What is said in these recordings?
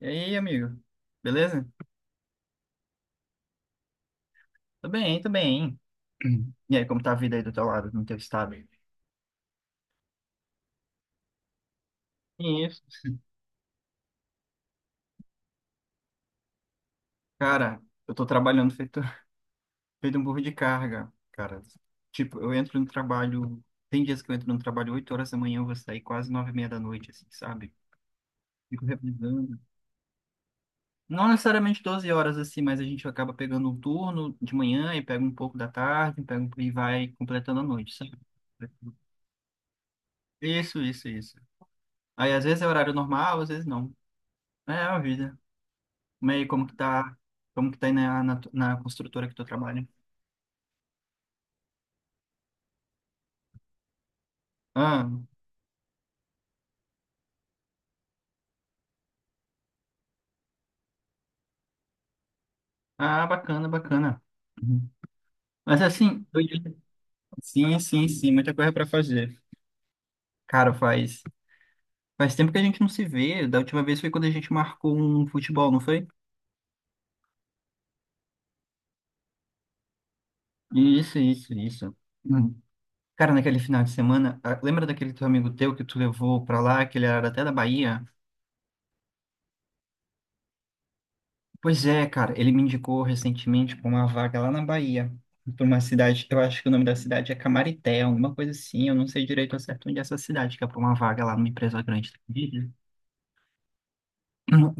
E aí, amigo? Beleza? Tô bem, tô bem. E aí, como tá a vida aí do teu lado, no teu estado? Isso. Cara, eu tô trabalhando feito, feito um burro de carga, cara. Tipo, eu entro no trabalho... Tem dias que eu entro no trabalho 8 horas da manhã, eu vou sair quase 9 e meia da noite, assim, sabe? Fico revisando. Não necessariamente 12 horas, assim, mas a gente acaba pegando um turno de manhã e pega um pouco da tarde, e vai completando a noite, sabe? Isso, isso, isso. Aí, às vezes é horário normal, às vezes não. É a vida. Mas aí, como que tá aí na construtora que tu trabalha? Ah, ah, bacana, bacana. Uhum. Mas assim, sim, sim, sim, muita coisa para fazer. Cara, faz tempo que a gente não se vê. Da última vez foi quando a gente marcou um futebol, não foi? Isso, isso, isso. Uhum. Cara, naquele final de semana, ah, lembra daquele teu amigo teu que tu levou pra lá, que ele era até da Bahia? Pois é, cara, ele me indicou recentemente para uma vaga lá na Bahia, para uma cidade, eu acho que o nome da cidade é Camarité, alguma coisa assim, eu não sei direito ao certo onde é essa cidade, que é para uma vaga lá numa empresa grande, da mídia.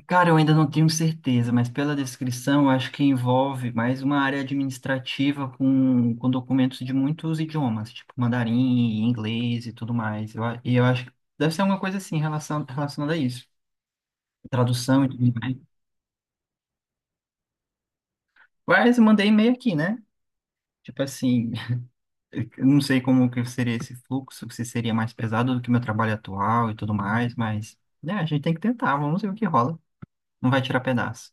Cara, eu ainda não tenho certeza, mas pela descrição, eu acho que envolve mais uma área administrativa com documentos de muitos idiomas, tipo mandarim, inglês e tudo mais. E eu acho que deve ser alguma coisa assim relacionada a isso, tradução e tudo mais. Mas eu mandei e-mail aqui, né? Tipo assim. Eu não sei como que seria esse fluxo, se seria mais pesado do que meu trabalho atual e tudo mais, mas né, a gente tem que tentar, vamos ver o que rola. Não vai tirar pedaço.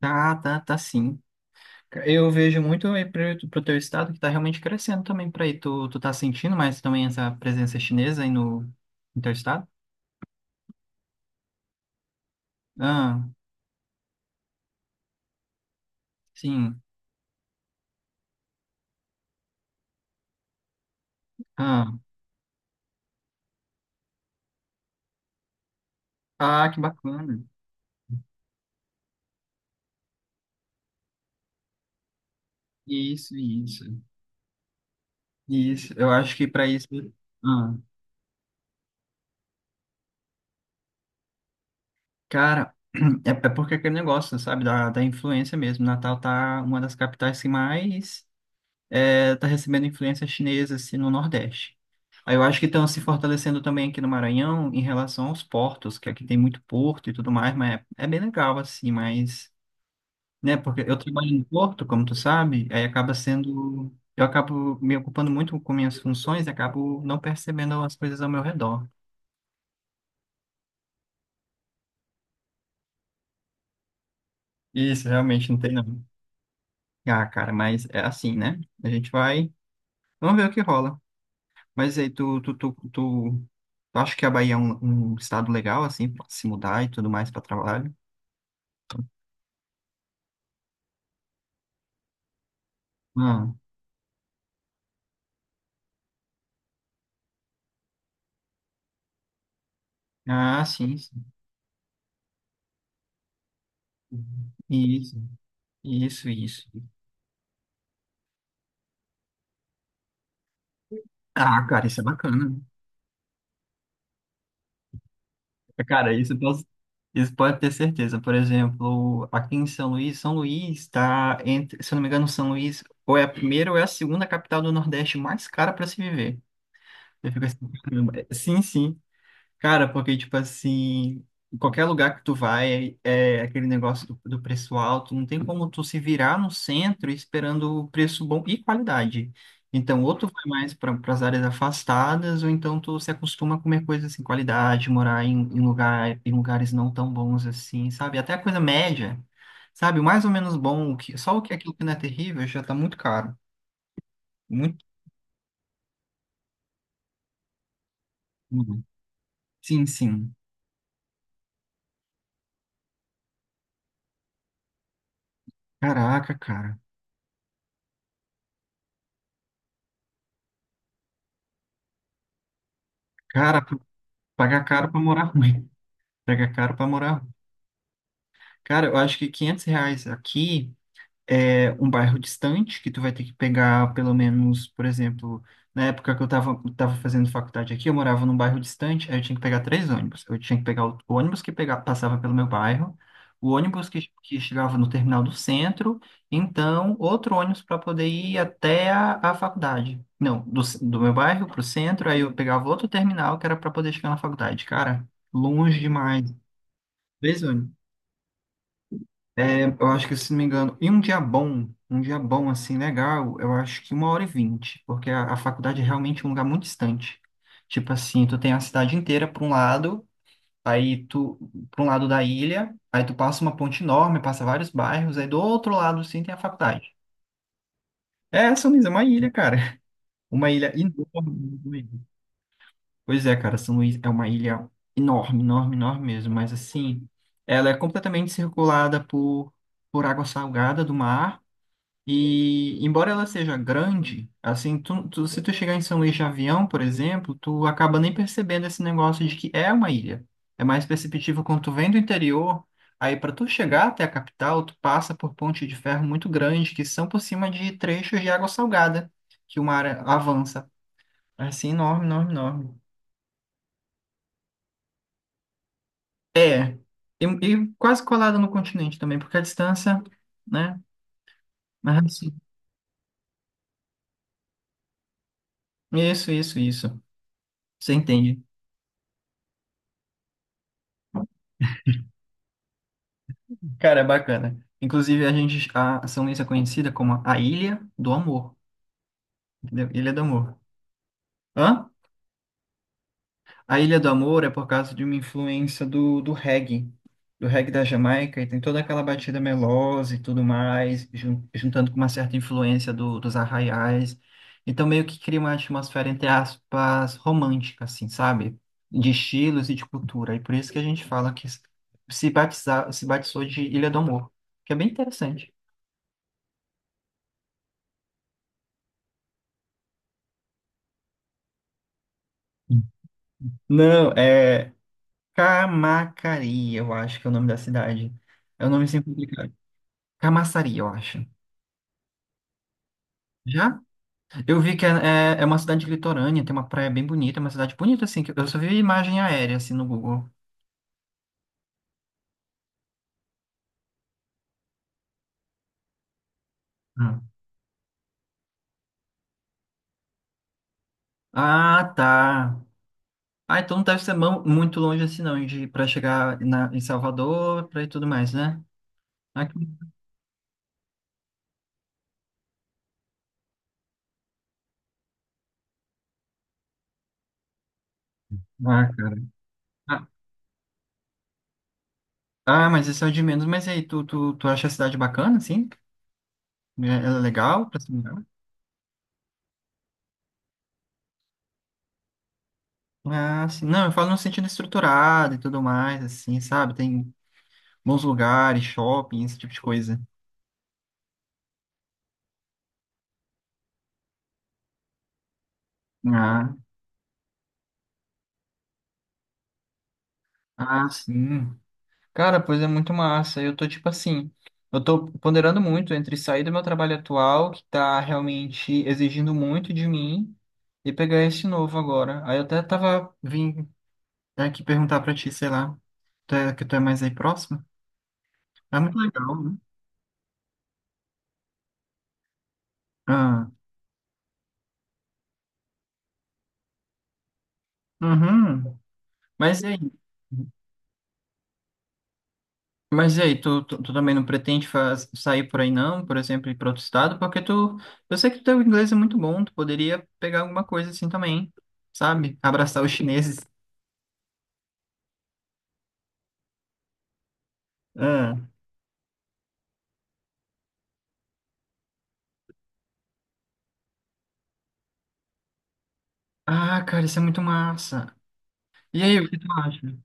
Tá, tá, tá sim. Eu vejo muito aí pro teu estado que tá realmente crescendo também para aí. Tu tá sentindo mais também essa presença chinesa aí no teu estado? Ah, sim. Ah, ah, que bacana. Isso, isso. Isso. Eu acho que para isso. Ah. Cara, é porque é aquele negócio, sabe, da influência mesmo. Natal tá uma das capitais que mais tá recebendo influência chinesa assim, no Nordeste. Aí eu acho que estão se fortalecendo também aqui no Maranhão em relação aos portos, que aqui tem muito porto e tudo mais, mas é bem legal assim, mas, né, porque eu trabalho no porto, como tu sabe, eu acabo me ocupando muito com minhas funções e acabo não percebendo as coisas ao meu redor. Isso, realmente não tem não. Ah, cara, mas é assim, né? A gente vai Vamos ver o que rola. Mas aí, tu acha que a Bahia é um estado legal, assim, pra se mudar e tudo mais para trabalho? Ah, ah, sim, sim. Isso, isso, isso. Ah, cara, isso é bacana, né? Cara, isso pode ter certeza. Por exemplo, aqui em São Luís, São Luís está entre, se eu não me engano, São Luís ou é a primeira ou é a segunda capital do Nordeste mais cara para se viver. Eu fico assim, caramba. É, sim, sim. Cara, porque, tipo assim, em qualquer lugar que tu vai, é aquele negócio do preço alto, não tem como tu se virar no centro esperando o preço bom e qualidade. Então, ou tu vai mais para as áreas afastadas, ou então tu se acostuma a comer coisas assim, qualidade, morar em em lugares não tão bons assim, sabe? Até a coisa média, sabe? O mais ou menos bom, só o que aquilo que não é terrível já tá muito caro. Muito. Sim, sim. Caraca, cara. Cara, pagar caro pra morar ruim. Pega caro pra morar. Cara, eu acho que R$ 500 aqui é um bairro distante, que tu vai ter que pegar pelo menos, por exemplo, na época que tava fazendo faculdade aqui, eu morava num bairro distante, aí eu tinha que pegar 3 ônibus. Eu tinha que pegar o ônibus que pegava, passava pelo meu bairro, o ônibus que chegava no terminal do centro, então outro ônibus para poder ir até a faculdade. Não, do meu bairro pro centro, aí eu pegava outro terminal que era para poder chegar na faculdade. Cara, longe demais. 3 ônibus. É, eu acho que, se não me engano, e um dia bom, assim, legal, eu acho que uma hora e vinte, porque a faculdade é realmente um lugar muito distante. Tipo assim, tu tem a cidade inteira para um lado, aí tu, para um lado da ilha, aí tu passa uma ponte enorme, passa vários bairros, aí do outro lado, sim, tem a faculdade. É, São Luís é uma ilha, cara. Uma ilha enorme. Pois é, cara, São Luís é uma ilha enorme, enorme, enorme mesmo, mas assim, ela é completamente circulada por água salgada do mar. E embora ela seja grande, assim, se tu chegar em São Luís de avião, por exemplo, tu acaba nem percebendo esse negócio de que é uma ilha. É mais perceptível quando tu vem do interior, aí para tu chegar até a capital, tu passa por pontes de ferro muito grandes que são por cima de trechos de água salgada, que o mar avança. É, assim, enorme, enorme, enorme. É, e, e quase colada no continente também, porque a distância, né? Mas, assim, isso, isso, isso. Você entende. Cara, é bacana. Inclusive, a São Luís é conhecida como a Ilha do Amor, entendeu? Ilha do Amor. Hã? A Ilha do Amor é por causa de uma influência do reggae da Jamaica, e tem toda aquela batida melosa e tudo mais, juntando com uma certa influência dos arraiais. Então, meio que cria uma atmosfera, entre aspas, romântica, assim, sabe? De estilos e de cultura. E por isso que a gente fala que se batizou de Ilha do Amor, que é bem interessante. Não, é Camacari, eu acho que é o nome da cidade. É um nome sempre complicado. Camaçari, eu acho. Já? Eu vi que é uma cidade litorânea, tem uma praia bem bonita, é uma cidade bonita, assim, que eu só vi imagem aérea, assim, no Google. Hum. Ah, tá. Ah, então não deve ser muito longe assim, não, de para chegar em Salvador, para e tudo mais, né? Aqui. Ah, cara. Ah, ah, mas isso é o de menos. Mas e aí, tu acha a cidade bacana, assim? Ela é legal pra se morar? Ah, sim. Não, eu falo no sentido estruturado e tudo mais, assim, sabe? Tem bons lugares, shopping, esse tipo de coisa. Ah, ah, sim. Cara, pois é muito massa. Eu tô tipo assim, eu tô ponderando muito entre sair do meu trabalho atual, que tá realmente exigindo muito de mim, e pegar esse novo agora. Aí eu até tava vim aqui perguntar pra ti, sei lá, que tu é mais aí próximo? É muito legal, né? Ah, uhum. Mas e aí? Mas e aí, tu também não pretende sair por aí não, por exemplo, ir para outro estado? Porque eu sei que teu inglês é muito bom, tu poderia pegar alguma coisa assim também, sabe? Abraçar os chineses. Ah, ah, cara, isso é muito massa. E aí, o que tu acha?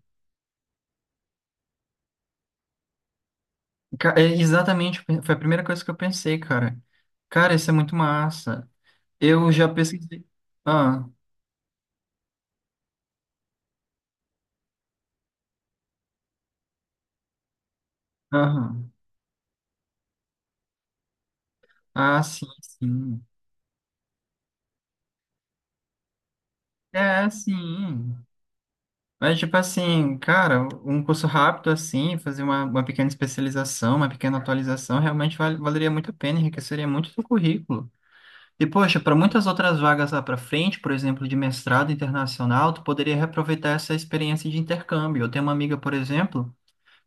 Exatamente, foi a primeira coisa que eu pensei, cara. Cara, isso é muito massa. Eu já pesquisei. Ah, aham. Ah, sim, sim. É, sim. Mas, tipo assim, cara, um curso rápido assim, fazer uma pequena especialização, uma pequena atualização, realmente valeria muito a pena, enriqueceria muito o seu currículo. E, poxa, para muitas outras vagas lá para frente, por exemplo, de mestrado internacional, tu poderia reaproveitar essa experiência de intercâmbio. Eu tenho uma amiga, por exemplo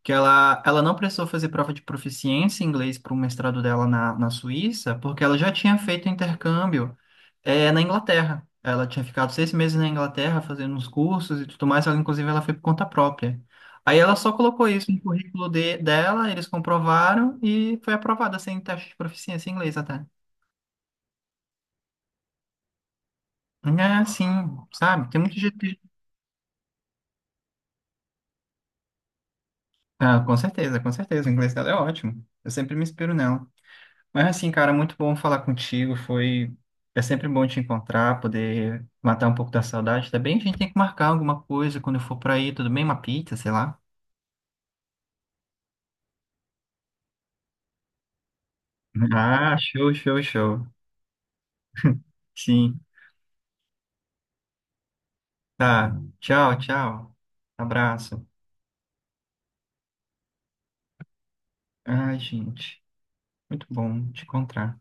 que ela não precisou fazer prova de proficiência em inglês para o mestrado dela na Suíça, porque ela já tinha feito intercâmbio, na Inglaterra. Ela tinha ficado 6 meses na Inglaterra fazendo uns cursos e tudo mais, ela, inclusive ela foi por conta própria. Aí ela só colocou isso no currículo dela, eles comprovaram e foi aprovada sem teste de proficiência em inglês até. É, sim, sabe? Tem muito jeito de... Ah, com certeza, com certeza. O inglês dela é ótimo. Eu sempre me inspiro nela. Mas assim, cara, muito bom falar contigo. Foi. É sempre bom te encontrar, poder matar um pouco da saudade. Também a gente tem que marcar alguma coisa quando eu for pra aí, tudo bem? Uma pizza, sei lá. Ah, show, show, show. Sim. Tá. Tchau, tchau. Abraço. Ai, gente. Muito bom te encontrar.